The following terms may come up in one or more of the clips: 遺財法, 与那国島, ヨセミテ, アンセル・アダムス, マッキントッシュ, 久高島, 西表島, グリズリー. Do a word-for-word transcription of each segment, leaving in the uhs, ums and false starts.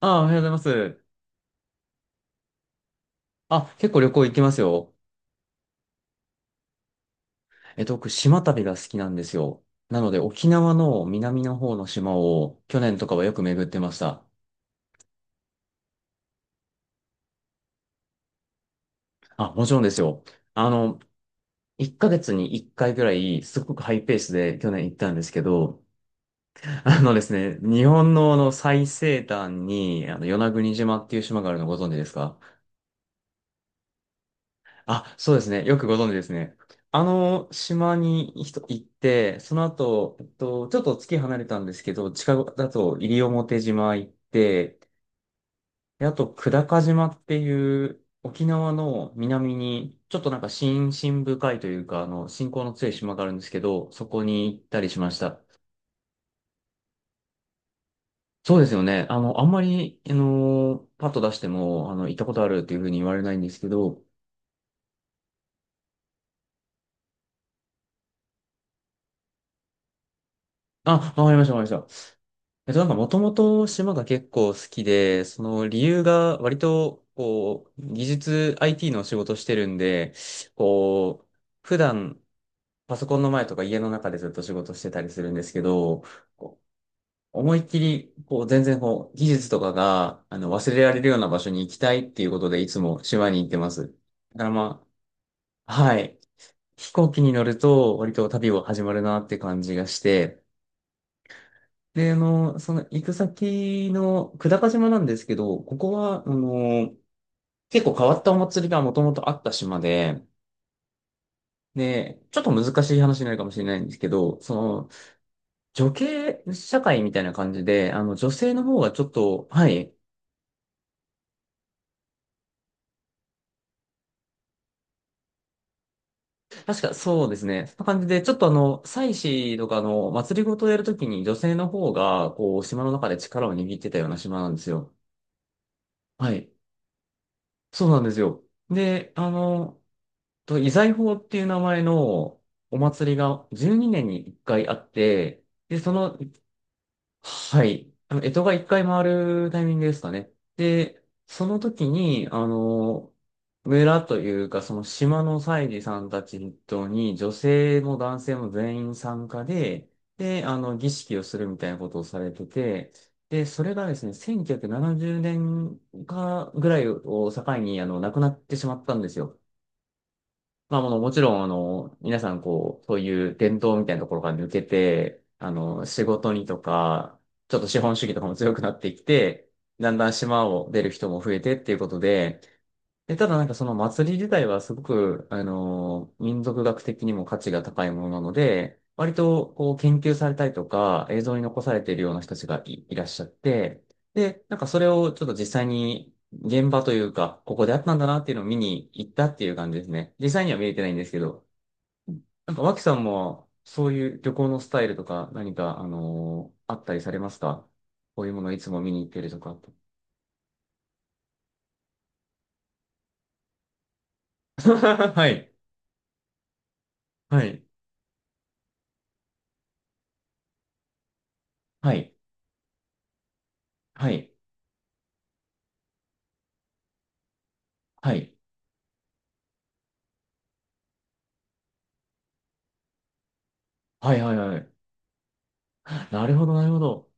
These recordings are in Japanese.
あ、おはようございます。あ、結構旅行行きますよ。えっと、僕、島旅が好きなんですよ。なので、沖縄の南の方の島を、去年とかはよく巡ってました。あ、もちろんですよ。あの、いっかげつにいっかいぐらい、すごくハイペースで去年行ったんですけど、あのですね、日本のあの最西端に、あの、与那国島っていう島があるのご存知ですか？あ、そうですね。よくご存知ですね。あの島に一行って、その後、えっと、ちょっと月離れたんですけど、近くだと西表島行って、で、あと久高島っていう沖縄の南に、ちょっとなんか深深深いというか、あの、信仰の強い島があるんですけど、そこに行ったりしました。そうですよね。あの、あんまり、あの、パッと出しても、あの、行ったことあるっていうふうに言われないんですけど、あ、わかりました、わかりました。えっと、なんかもともと島が結構好きで、その理由が割と、こう、技術 アイティー の仕事してるんで、こう、普段パソコンの前とか家の中でずっと仕事してたりするんですけど、こう思いっきり、こう、全然こう、技術とかが、あの、忘れられるような場所に行きたいっていうことで、いつも島に行ってます。だからまあ、はい。飛行機に乗ると、割と旅を始まるなって感じがして、で、あの、その行く先の久高島なんですけど、ここは、あの、結構変わったお祭りがもともとあった島で、で、ちょっと難しい話になるかもしれないんですけど、その、女系社会みたいな感じで、あの、女性の方がちょっと、はい、確かそうですね、そんな感じで、ちょっとあの、祭祀とかあの祭りごとをやるときに女性の方が、こう、島の中で力を握ってたような島なんですよ。はい、そうなんですよ。で、あの、と、遺財法っていう名前のお祭りがじゅうにねんにいっかいあって、で、その、はい、あの、干支がいっかい回るタイミングですかね。で、その時に、あの、村というか、その島の祭司さんたち筆頭に、女性も男性も全員参加で、で、あの、儀式をするみたいなことをされてて、で、それがですね、せんきゅうひゃくななじゅうねんかぐらいを境に、あの、亡くなってしまったんですよ。まあ、もうもちろん、あの、皆さん、こう、そういう伝統みたいなところから抜けて、あの、仕事にとか、ちょっと資本主義とかも強くなってきて、だんだん島を出る人も増えてっていうことで、え、ただなんかその祭り自体はすごく、あのー民族学的にも価値が高いものなので、割とこう研究されたりとか映像に残されているような人たちがい、いらっしゃって、で、なんかそれをちょっと実際に現場というか、ここであったんだなっていうのを見に行ったっていう感じですね。実際には見れてないんですけど、なんか脇さんもそういう旅行のスタイルとか何か、あのーあったりされますか？こういうものをいつも見に行ってるとか。はい。はい。はい。はい。はい。はいはいはい。なるほど、なるほど。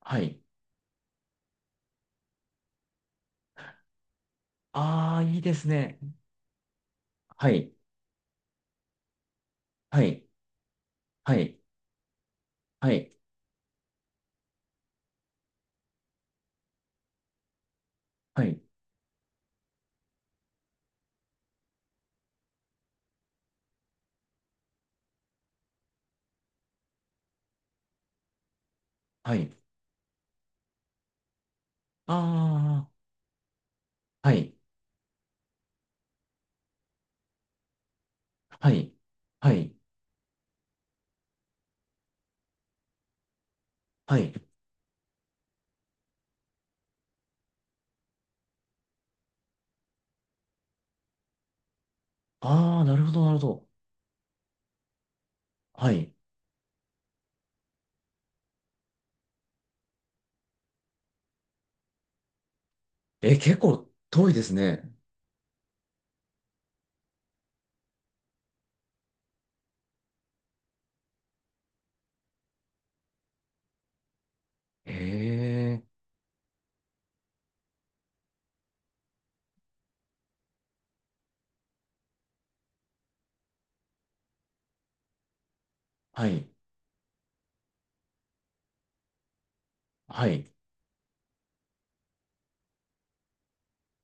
はい。ああ、いいですね。はい。はい。はい。はい。はい。はい。ああ、はい。はい。はい。はい。ああ、なるほど、なるほど。はい。え、結構遠いですね。へえ。はい。はい。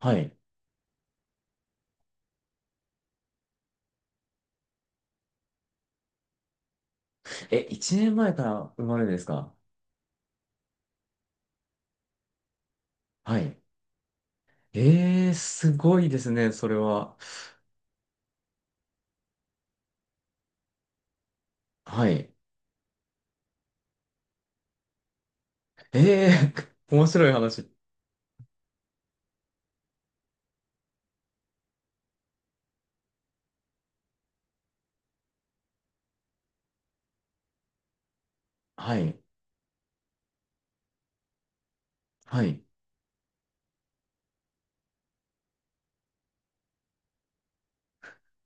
はい。え、一年前から生まれですか？はい。ええ、すごいですね、それは。はい。ええ、面白い話。はい。はい。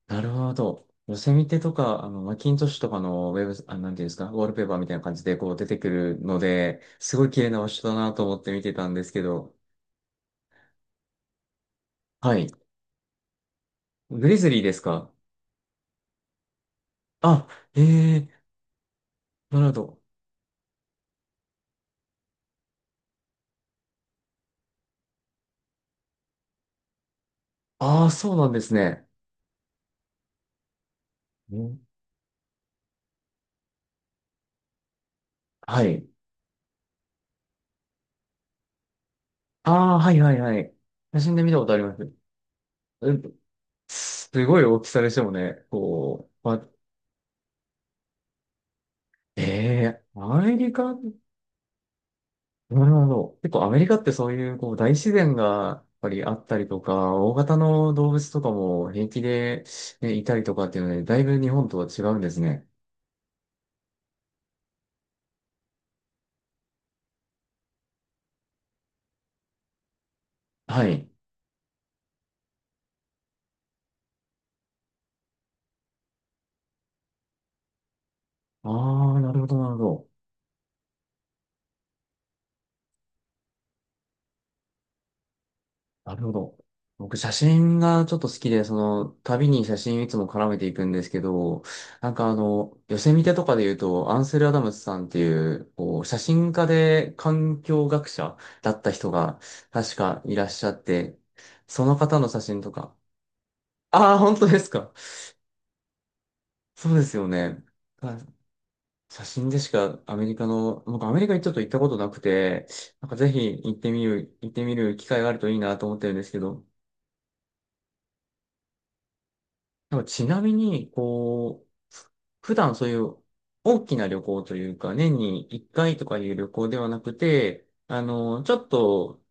なるほど。ヨセミテとか、あの、マッキントッシュとかのウェブ、あ、なんていうんですか、ウォールペーパーみたいな感じでこう出てくるので、すごい綺麗な場所だなと思って見てたんですけど。はい。グリズリーですか？あ、ええ、なるほど。ああ、そうなんですね。ん、はい。ああ、はいはいはい。写真で見たことあります。うん、すごい大きさでしたもんね。こう、ま、ええ、アメリカ、なるほど。結構アメリカってそういうこう大自然がやっぱりあったりとか、大型の動物とかも平気で、ね、いたりとかっていうので、だいぶ日本とは違うんですね。はい。ああ、なるほど、なるほど。なるほど。僕、写真がちょっと好きで、その、旅に写真いつも絡めていくんですけど、なんかあの、寄せ見てとかで言うと、アンセル・アダムスさんっていう、こう、写真家で環境学者だった人が、確かいらっしゃって、その方の写真とか、ああ、本当ですか。そうですよね。あ、写真でしかアメリカの、僕アメリカにちょっと行ったことなくて、なんかぜひ行ってみる、行ってみる機会があるといいなと思ってるんですけど、なんかちなみに、こう、普段そういう大きな旅行というか、年にいっかいとかいう旅行ではなくて、あの、ちょっと、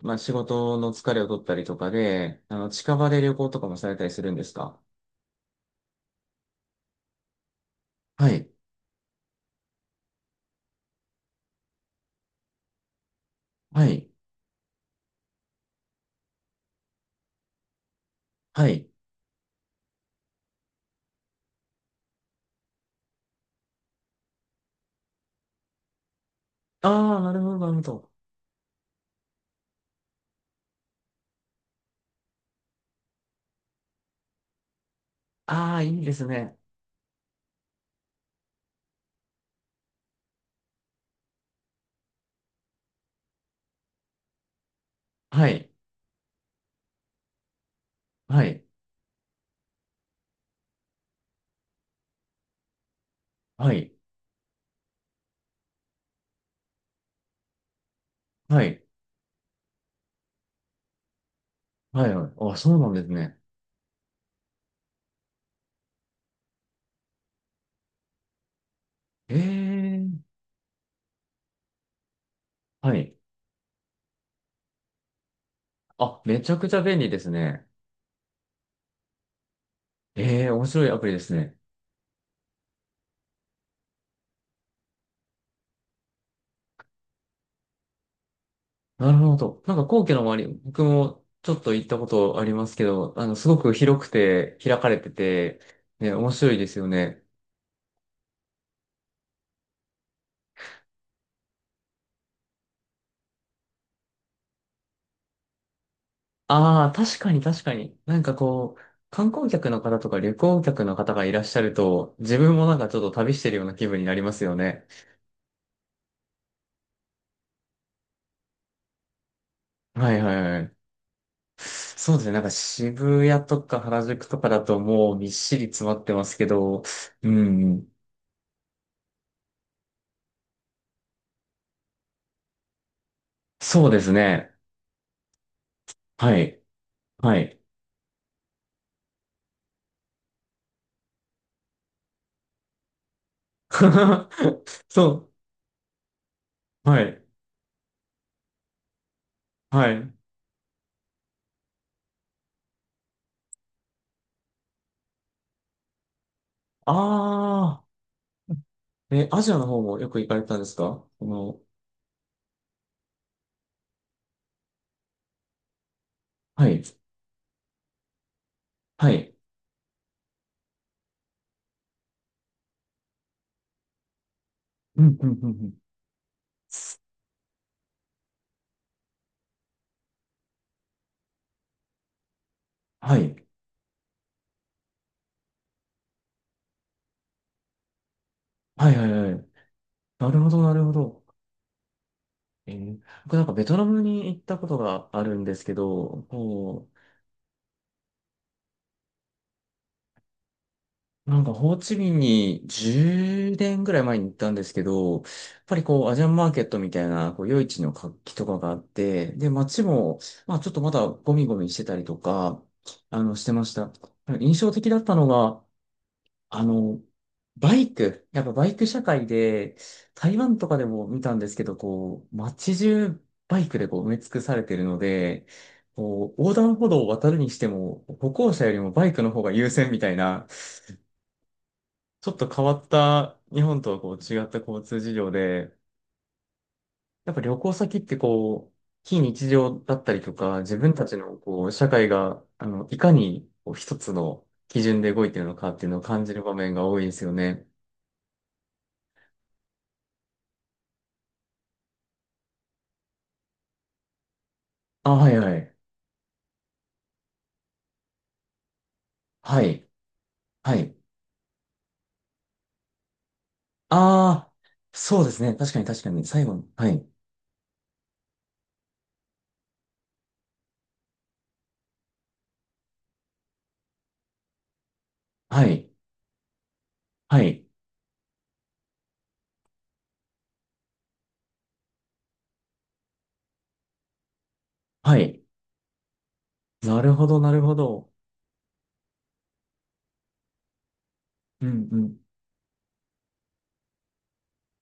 まあ仕事の疲れを取ったりとかで、あの、近場で旅行とかもされたりするんですか？はい。はい。はい。ああ、なるほど、なるほど。ああ、いいですね。はい、はい、はい、はい、はい、はい。あ、そうなんですね。ええ、はい。あ、めちゃくちゃ便利ですね。ええ、面白いアプリですね。なるほど。なんか皇居の周り、僕もちょっと行ったことありますけど、あの、すごく広くて、開かれてて、ね、面白いですよね。ああ、確かに確かに。なんかこう、観光客の方とか旅行客の方がいらっしゃると、自分もなんかちょっと旅してるような気分になりますよね。はいはいはい。そうですね。なんか渋谷とか原宿とかだともうみっしり詰まってますけど、うん。そうですね。はい。はい。そう。はい。はい。ああ。え、アジアの方もよく行かれたんですか？この、はい。はい。うん、うん、うん、うん。はい。はい、はい、はい。なるほど、なるほど。えー僕なんかベトナムに行ったことがあるんですけど、もうなんか、ホーチミンにじゅうねんぐらい前に行ったんですけど、やっぱりこう、アジアンマーケットみたいな、こう、夜市の活気とかがあって、で、街も、まあ、ちょっとまだゴミゴミしてたりとか、あの、してました。印象的だったのが、あの、バイク。やっぱバイク社会で、台湾とかでも見たんですけど、こう、街中バイクでこう埋め尽くされてるので、こう、横断歩道を渡るにしても、歩行者よりもバイクの方が優先みたいな、ちょっと変わった日本とはこう違った交通事情で、やっぱ旅行先ってこう、非日常だったりとか、自分たちのこう、社会が、あの、いかにこう一つの基準で動いてるのかっていうのを感じる場面が多いですよね。あ、はいはい。はい。はい。ああ、そうですね。確かに確かに。最後の。はい。はい。はい。はい。なるほど、なるほど。うん